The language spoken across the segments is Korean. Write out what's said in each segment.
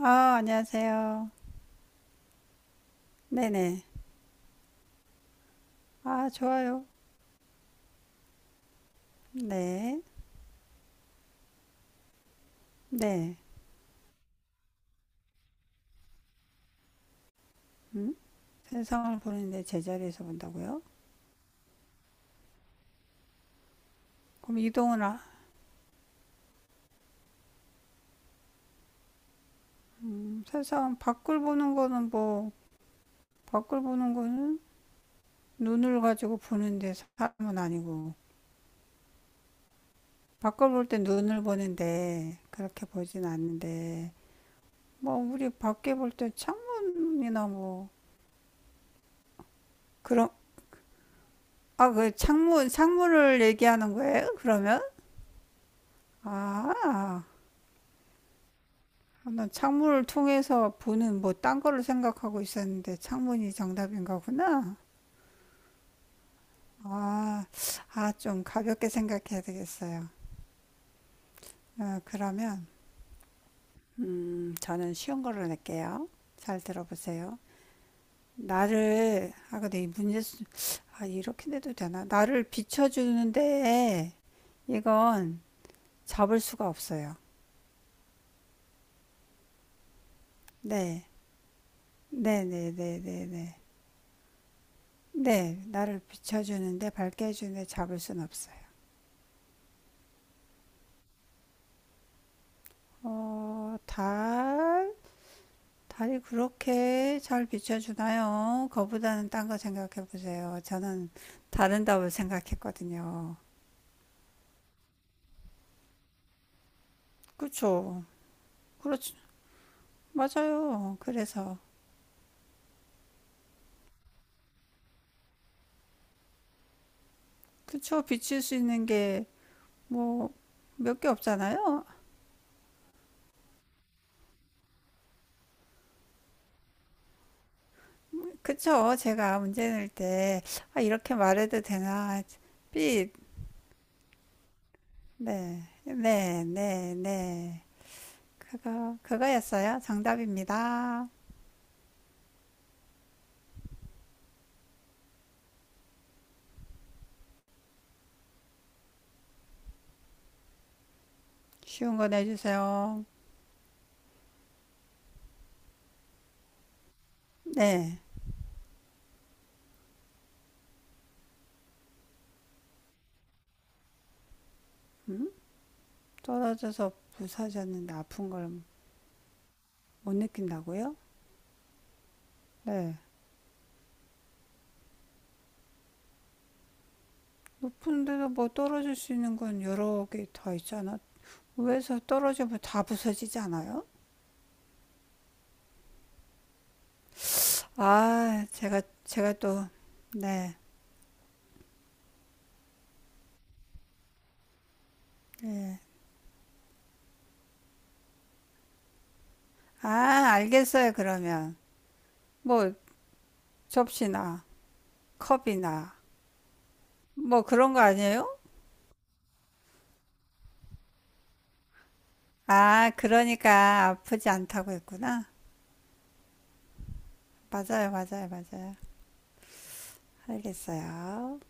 아, 안녕하세요. 네네. 아, 좋아요. 네. 네. 음? 세상을 보는데 제자리에서 본다고요? 그럼 이동은 아, 세상 밖을 보는 거는 뭐, 밖을 보는 거는 눈을 가지고 보는데 사람은 아니고, 밖을 볼 때 눈을 보는데 그렇게 보진 않는데, 뭐, 우리 밖에 볼 때 창문이나 뭐, 그런, 아, 그 창문, 창문을 얘기하는 거예요? 그러면? 아. 아, 난 창문을 통해서 보는 뭐 딴 거를 생각하고 있었는데 창문이 정답인 거구나. 아, 아, 좀 가볍게 생각해야 되겠어요. 어, 그러면, 저는 쉬운 걸로 낼게요. 잘 들어보세요. 나를, 아, 근데 이 문제, 수- 아, 이렇게 내도 되나? 나를 비춰주는데 이건 잡을 수가 없어요. 네, 네, 네, 네, 네, 네. 네, 나를 비춰주는데 밝게 해주는데 잡을 순 없어요. 어, 달? 달이 그렇게 잘 비춰주나요? 그거보다는 딴 거 생각해 보세요. 저는 다른 답을 생각했거든요. 그쵸? 그렇죠. 맞아요. 그래서. 그쵸? 비칠 수 있는 게 뭐, 몇 개 없잖아요. 그쵸? 제가 문제 낼 때, 아, 이렇게 말해도 되나? 빛. 네. 네, 네, 네. 그거였어요. 정답입니다. 쉬운 거 내주세요. 네. 음? 떨어져서 부서졌는데 아픈 걸 못 느낀다고요? 네. 높은 데서 뭐 떨어질 수 있는 건 여러 개 다 있잖아. 위에서 떨어지면 다 부서지지 않아요? 아, 제가 또, 네. 예. 아, 알겠어요, 그러면. 뭐, 접시나, 컵이나, 뭐 그런 거 아니에요? 아, 그러니까 아프지 않다고 했구나. 맞아요, 맞아요, 맞아요. 알겠어요.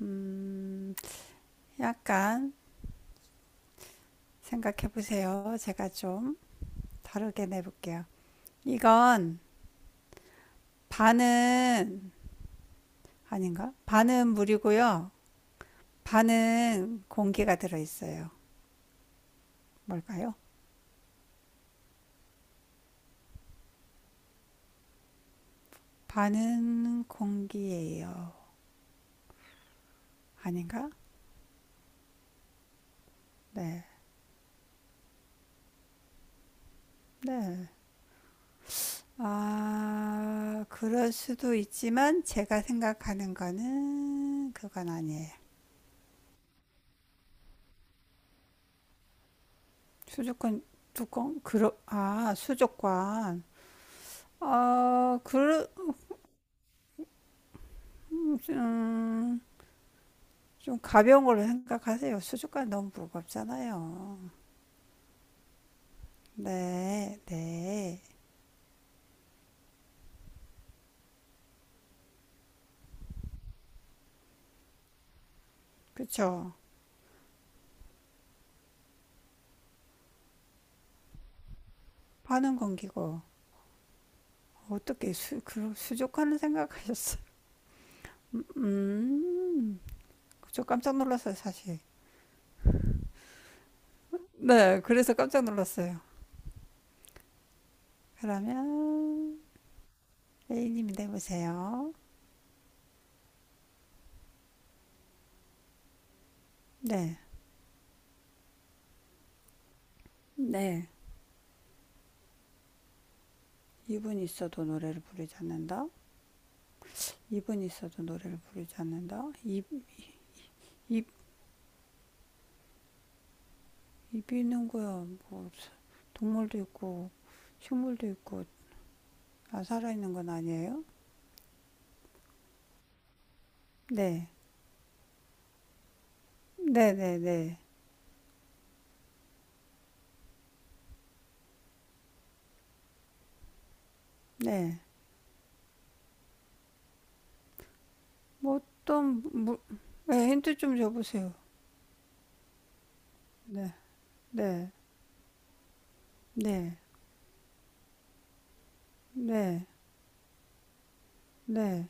음, 약간 생각해 보세요. 제가 좀 다르게 내볼게요. 이건 반은 아닌가? 반은 물이고요. 반은 공기가 들어 있어요. 뭘까요? 반은 공기예요. 아닌가? 네. 네. 아, 그럴 수도 있지만 제가 생각하는 거는 그건 아니에요. 수족관 뚜껑? 그러, 아, 수족관. 아, 그, 음, 음, 좀 가벼운 걸로 생각하세요. 수족관 너무 무겁잖아요. 네, 네. 그쵸. 파는 건기고. 어떻게 수, 그, 수족관을 생각하셨어요? 음, 저 깜짝 놀랐어요, 사실. 네, 그래서 깜짝 놀랐어요. 그러면, A님이 내보세요. 네. 네. 입은 있어도 노래를 부르지 않는다. 입은 있어도 노래를 부르지 않는다. 입, 입, 입이 있는 거야. 뭐, 동물도 있고, 식물도 있고, 아, 살아있는 건 아니에요? 네. 네네네. 네. 뭐 어떤, 뭐, 네, 힌트 좀 줘보세요. 네. 네. 네. 네. 네.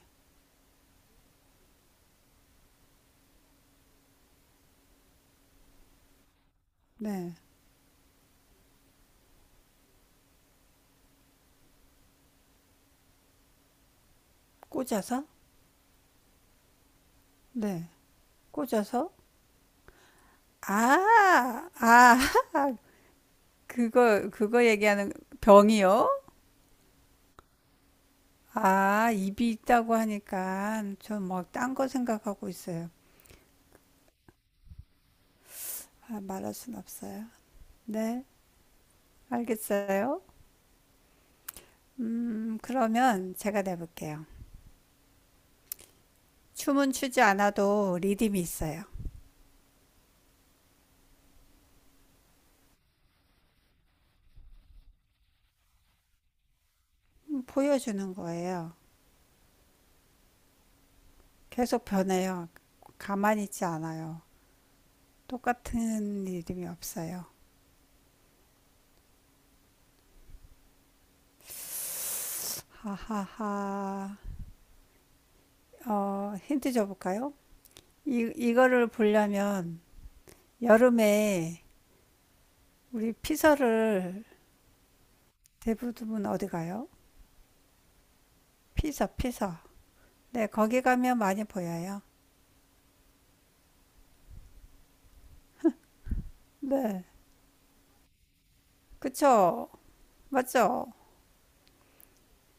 네. 꽂아서? 네. 꽂아서? 아, 아, 그거 얘기하는 병이요? 아, 입이 있다고 하니까 전 막 딴 거 생각하고 있어요. 아, 말할 순 없어요. 네, 알겠어요. 그러면 제가 내볼게요. 춤은 추지 않아도 리듬이 있어요. 보여주는 거예요. 계속 변해요. 가만히 있지 않아요. 똑같은 리듬이 없어요. 하하하. 어, 힌트 줘볼까요? 이거를 보려면 여름에 우리 피서를 대부분 어디 가요? 피서, 피서. 네, 거기 가면 많이 보여요. 네. 그쵸? 맞죠?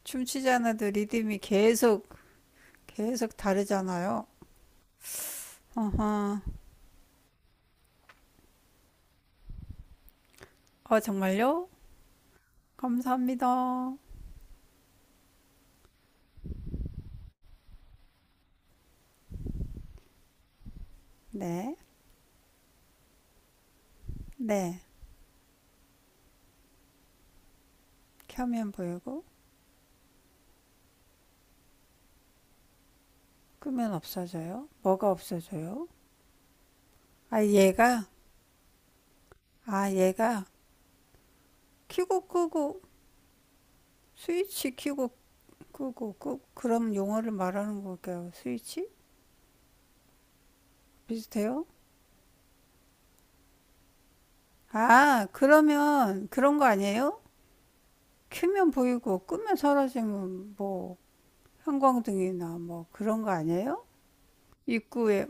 춤추지 않아도 리듬이 계속, 계속 다르잖아요. 어허. 어, 정말요? 감사합니다. 네. 네. 켜면 보이고, 끄면 없어져요. 뭐가 없어져요? 아, 얘가, 아, 얘가, 켜고 끄고, 스위치 켜고 끄고, 끄, 그럼 용어를 말하는 걸까요? 스위치? 비슷해요? 아, 그러면 그런 거 아니에요? 켜면 보이고, 끄면 사라지면 뭐, 형광등이나 뭐 그런 거 아니에요? 입구에,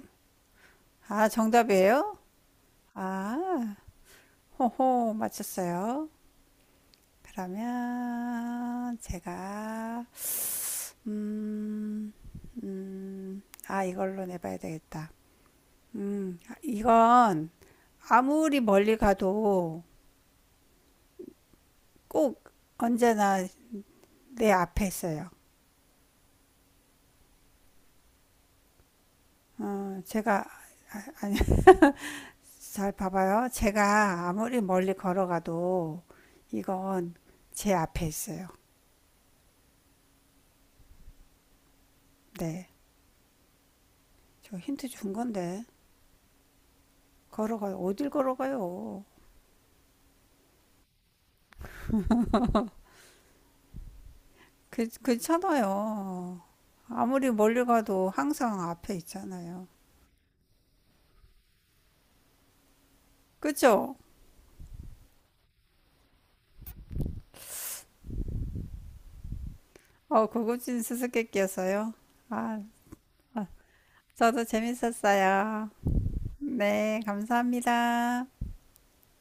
아, 정답이에요? 아, 호호, 맞췄어요. 그러면 제가 음, 아 이걸로 내봐야 되겠다. 이건 아무리 멀리 가도 꼭 언제나 내 앞에 있어요. 어, 제가 아, 아니 잘 봐봐요. 제가 아무리 멀리 걸어가도 이건 제 앞에 있어요. 네, 저 힌트 준 건데 걸어가요. 어딜 걸어가요? 그, 괜찮아요. 아무리 멀리 가도 항상 앞에 있잖아요. 그죠? 어, 고급진 수수께끼였어요. 아, 아, 저도 재밌었어요. 네, 감사합니다.